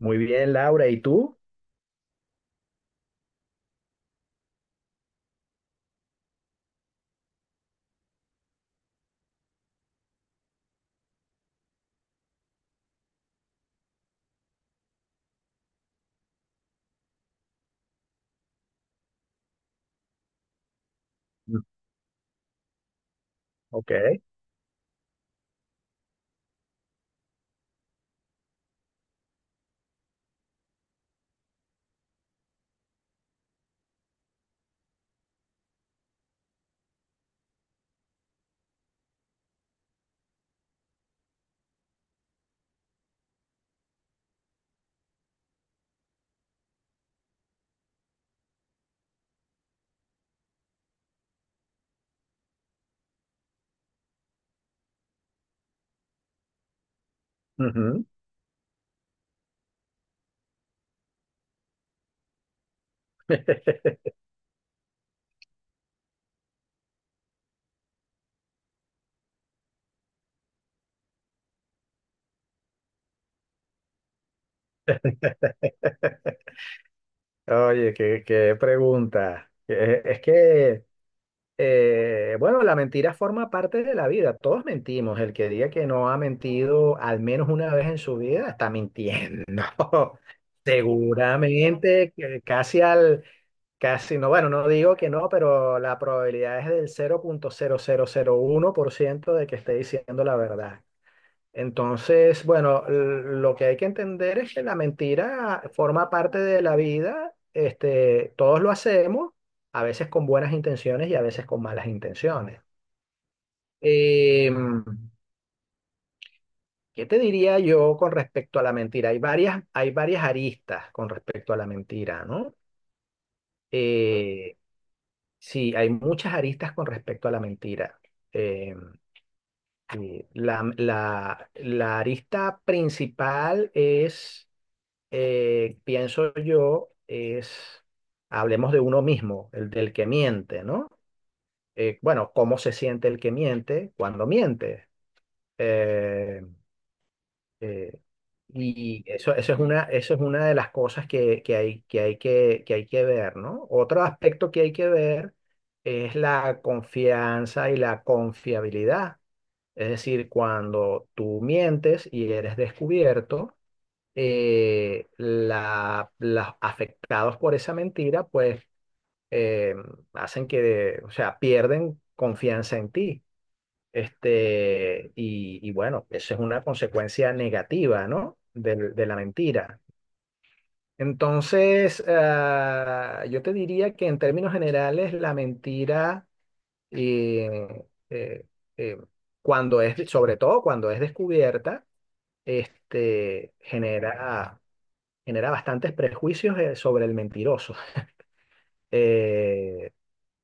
Muy bien, Laura, ¿y tú? Mm. Ok. Ujú. Oye, qué pregunta. Es que, bueno, la mentira forma parte de la vida. Todos mentimos. El que diga que no ha mentido al menos una vez en su vida está mintiendo. Seguramente, que casi no, bueno, no digo que no, pero la probabilidad es del cero punto cero cero cero punto uno por ciento de que esté diciendo la verdad. Entonces, bueno, lo que hay que entender es que la mentira forma parte de la vida, este, todos lo hacemos, a veces con buenas intenciones y a veces con malas intenciones. Em, ¿Qué te diría yo con respecto a la mentira? Hay varias aristas con respecto a la mentira, ¿no? Eh, sí, hay muchas aristas con respecto a la mentira. Em, y la arista principal es, pienso yo, es, hablemos de uno mismo, el del que miente, ¿no? Bueno, ¿cómo se siente el que miente cuando miente? Eh, eh, y eso es una de las cosas que hay, que hay que ver, ¿no? Otro aspecto que hay que ver es la confianza y la confiabilidad. Es decir, cuando tú mientes y eres descubierto, las afectados por esa mentira, pues eh, hacen que, o sea, pierden confianza en ti. Este, y bueno, eso es una consecuencia negativa, ¿no? De la mentira. Entonces, ah, yo te diría que en términos generales, la mentira, eh, eh, eh, cuando es, sobre todo cuando es descubierta, este, genera bastantes prejuicios, sobre el mentiroso, eh,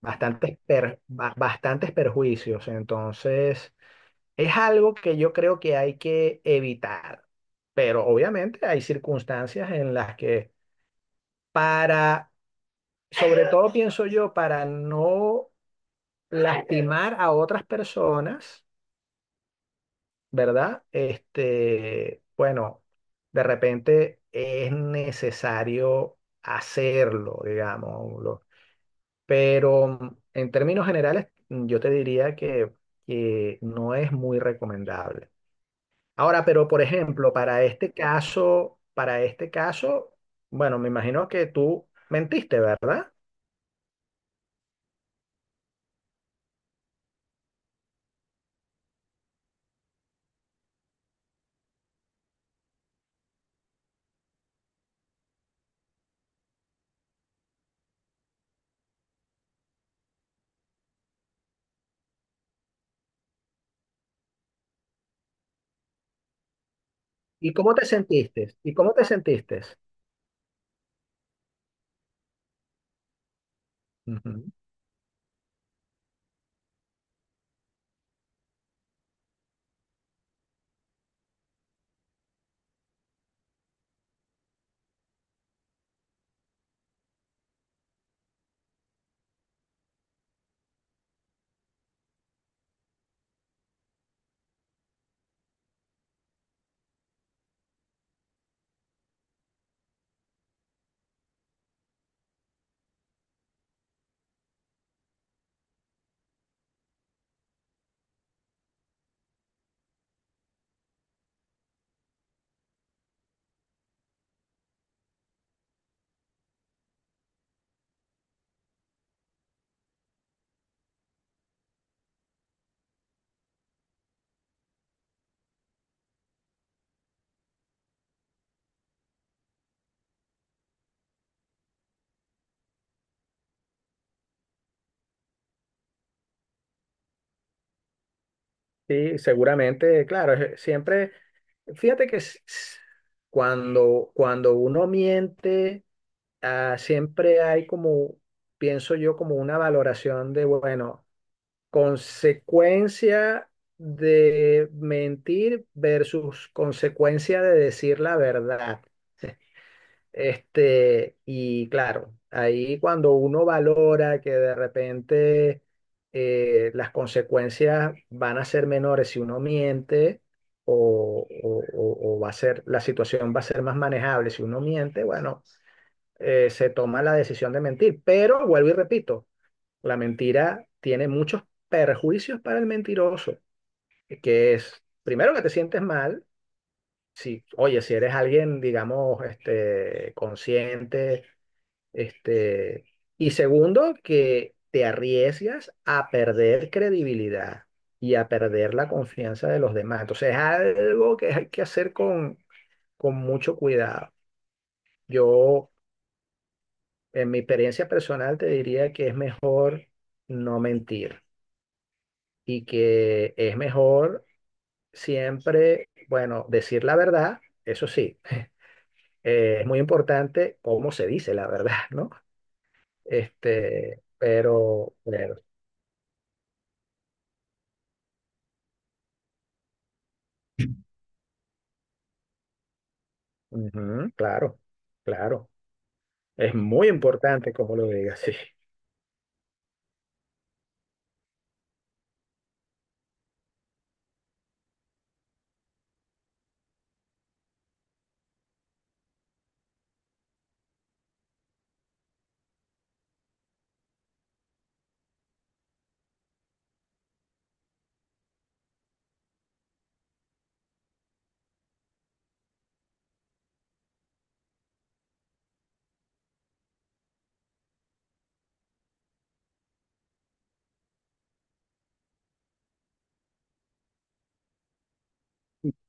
bastantes perjuicios. Entonces, es algo que yo creo que hay que evitar, pero obviamente hay circunstancias en las que, para, sobre todo pienso yo, para no lastimar a otras personas, ¿verdad? Este, bueno, de repente es necesario hacerlo, digamos. Pero en términos generales, yo te diría que no es muy recomendable. Ahora, pero por ejemplo, para este caso, bueno, me imagino que tú mentiste, ¿verdad? ¿Y cómo te sentiste? ¿Y cómo te sentiste? Ujú. Sí, seguramente, claro, siempre, fíjate que cuando uno miente, ah, siempre hay como, pienso yo, como una valoración de, bueno, consecuencia de mentir versus consecuencia de decir la verdad. Este, y claro, ahí cuando uno valora que de repente, las consecuencias van a ser menores si uno miente, o va a ser, la situación va a ser más manejable si uno miente, bueno, se toma la decisión de mentir. Pero vuelvo y repito, la mentira tiene muchos perjuicios para el mentiroso, que es, primero, que te sientes mal, si, oye, si eres alguien, digamos, este, consciente, este, y segundo, que te arriesgas a perder credibilidad y a perder la confianza de los demás. Entonces es algo que hay que hacer con mucho cuidado. Yo, en mi experiencia personal, te diría que es mejor no mentir y que es mejor siempre, bueno, decir la verdad. Eso sí, es muy importante cómo se dice la verdad, ¿no? Este, pero, ujú. Claro, claro. Es muy importante cómo lo digas, sí.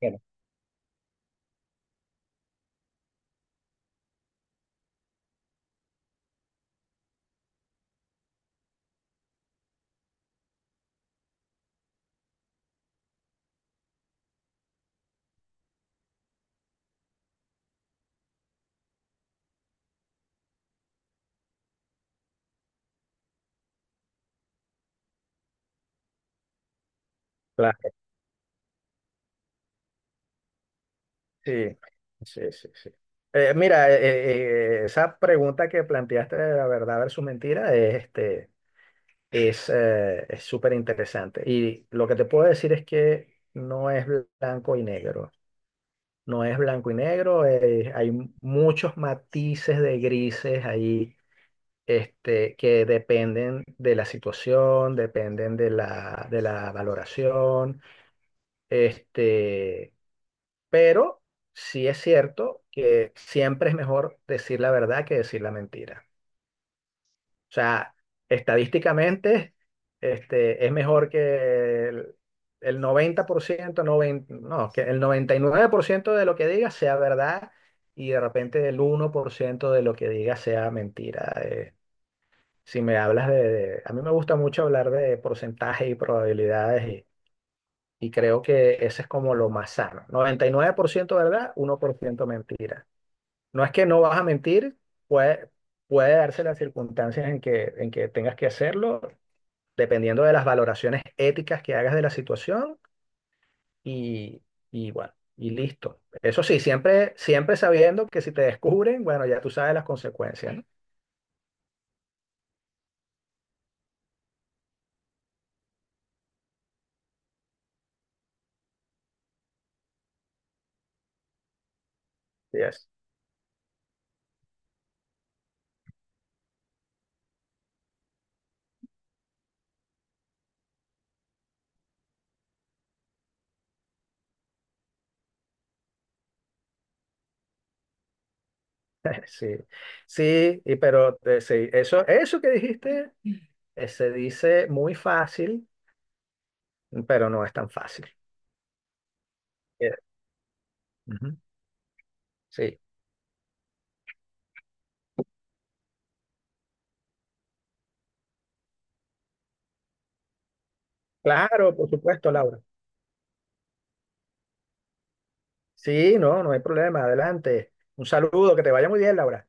Bueno, claro, sí, sí, sí, sí. Mira, esa pregunta que planteaste de la verdad versus mentira es, este, es súper interesante. Y lo que te puedo decir es que no es blanco y negro. No es blanco y negro, hay muchos matices de grises ahí, este, que dependen de la situación, dependen de la valoración, este, pero sí es cierto que siempre es mejor decir la verdad que decir la mentira. O sea, estadísticamente, este, es mejor que el 90%, 90, no, que el 99% de lo que digas sea verdad. Y de repente el 1% de lo que digas sea mentira. Si me hablas de- A mí me gusta mucho hablar de porcentajes y probabilidades, y creo que ese es como lo más sano. 99% verdad, 1% mentira. No es que no vas a mentir, puede, puede darse las circunstancias en que tengas que hacerlo, dependiendo de las valoraciones éticas que hagas de la situación y, y bueno, y listo. Eso sí, siempre, siempre sabiendo que si te descubren, bueno, ya tú sabes las consecuencias, ¿no? Sí, sí, y pero sí, eso que dijiste, se dice muy fácil, pero no es tan fácil. Eh, ujú. Sí, claro, por supuesto, Laura. Sí, no, no hay problema, adelante. Un saludo, que te vaya muy bien, Laura.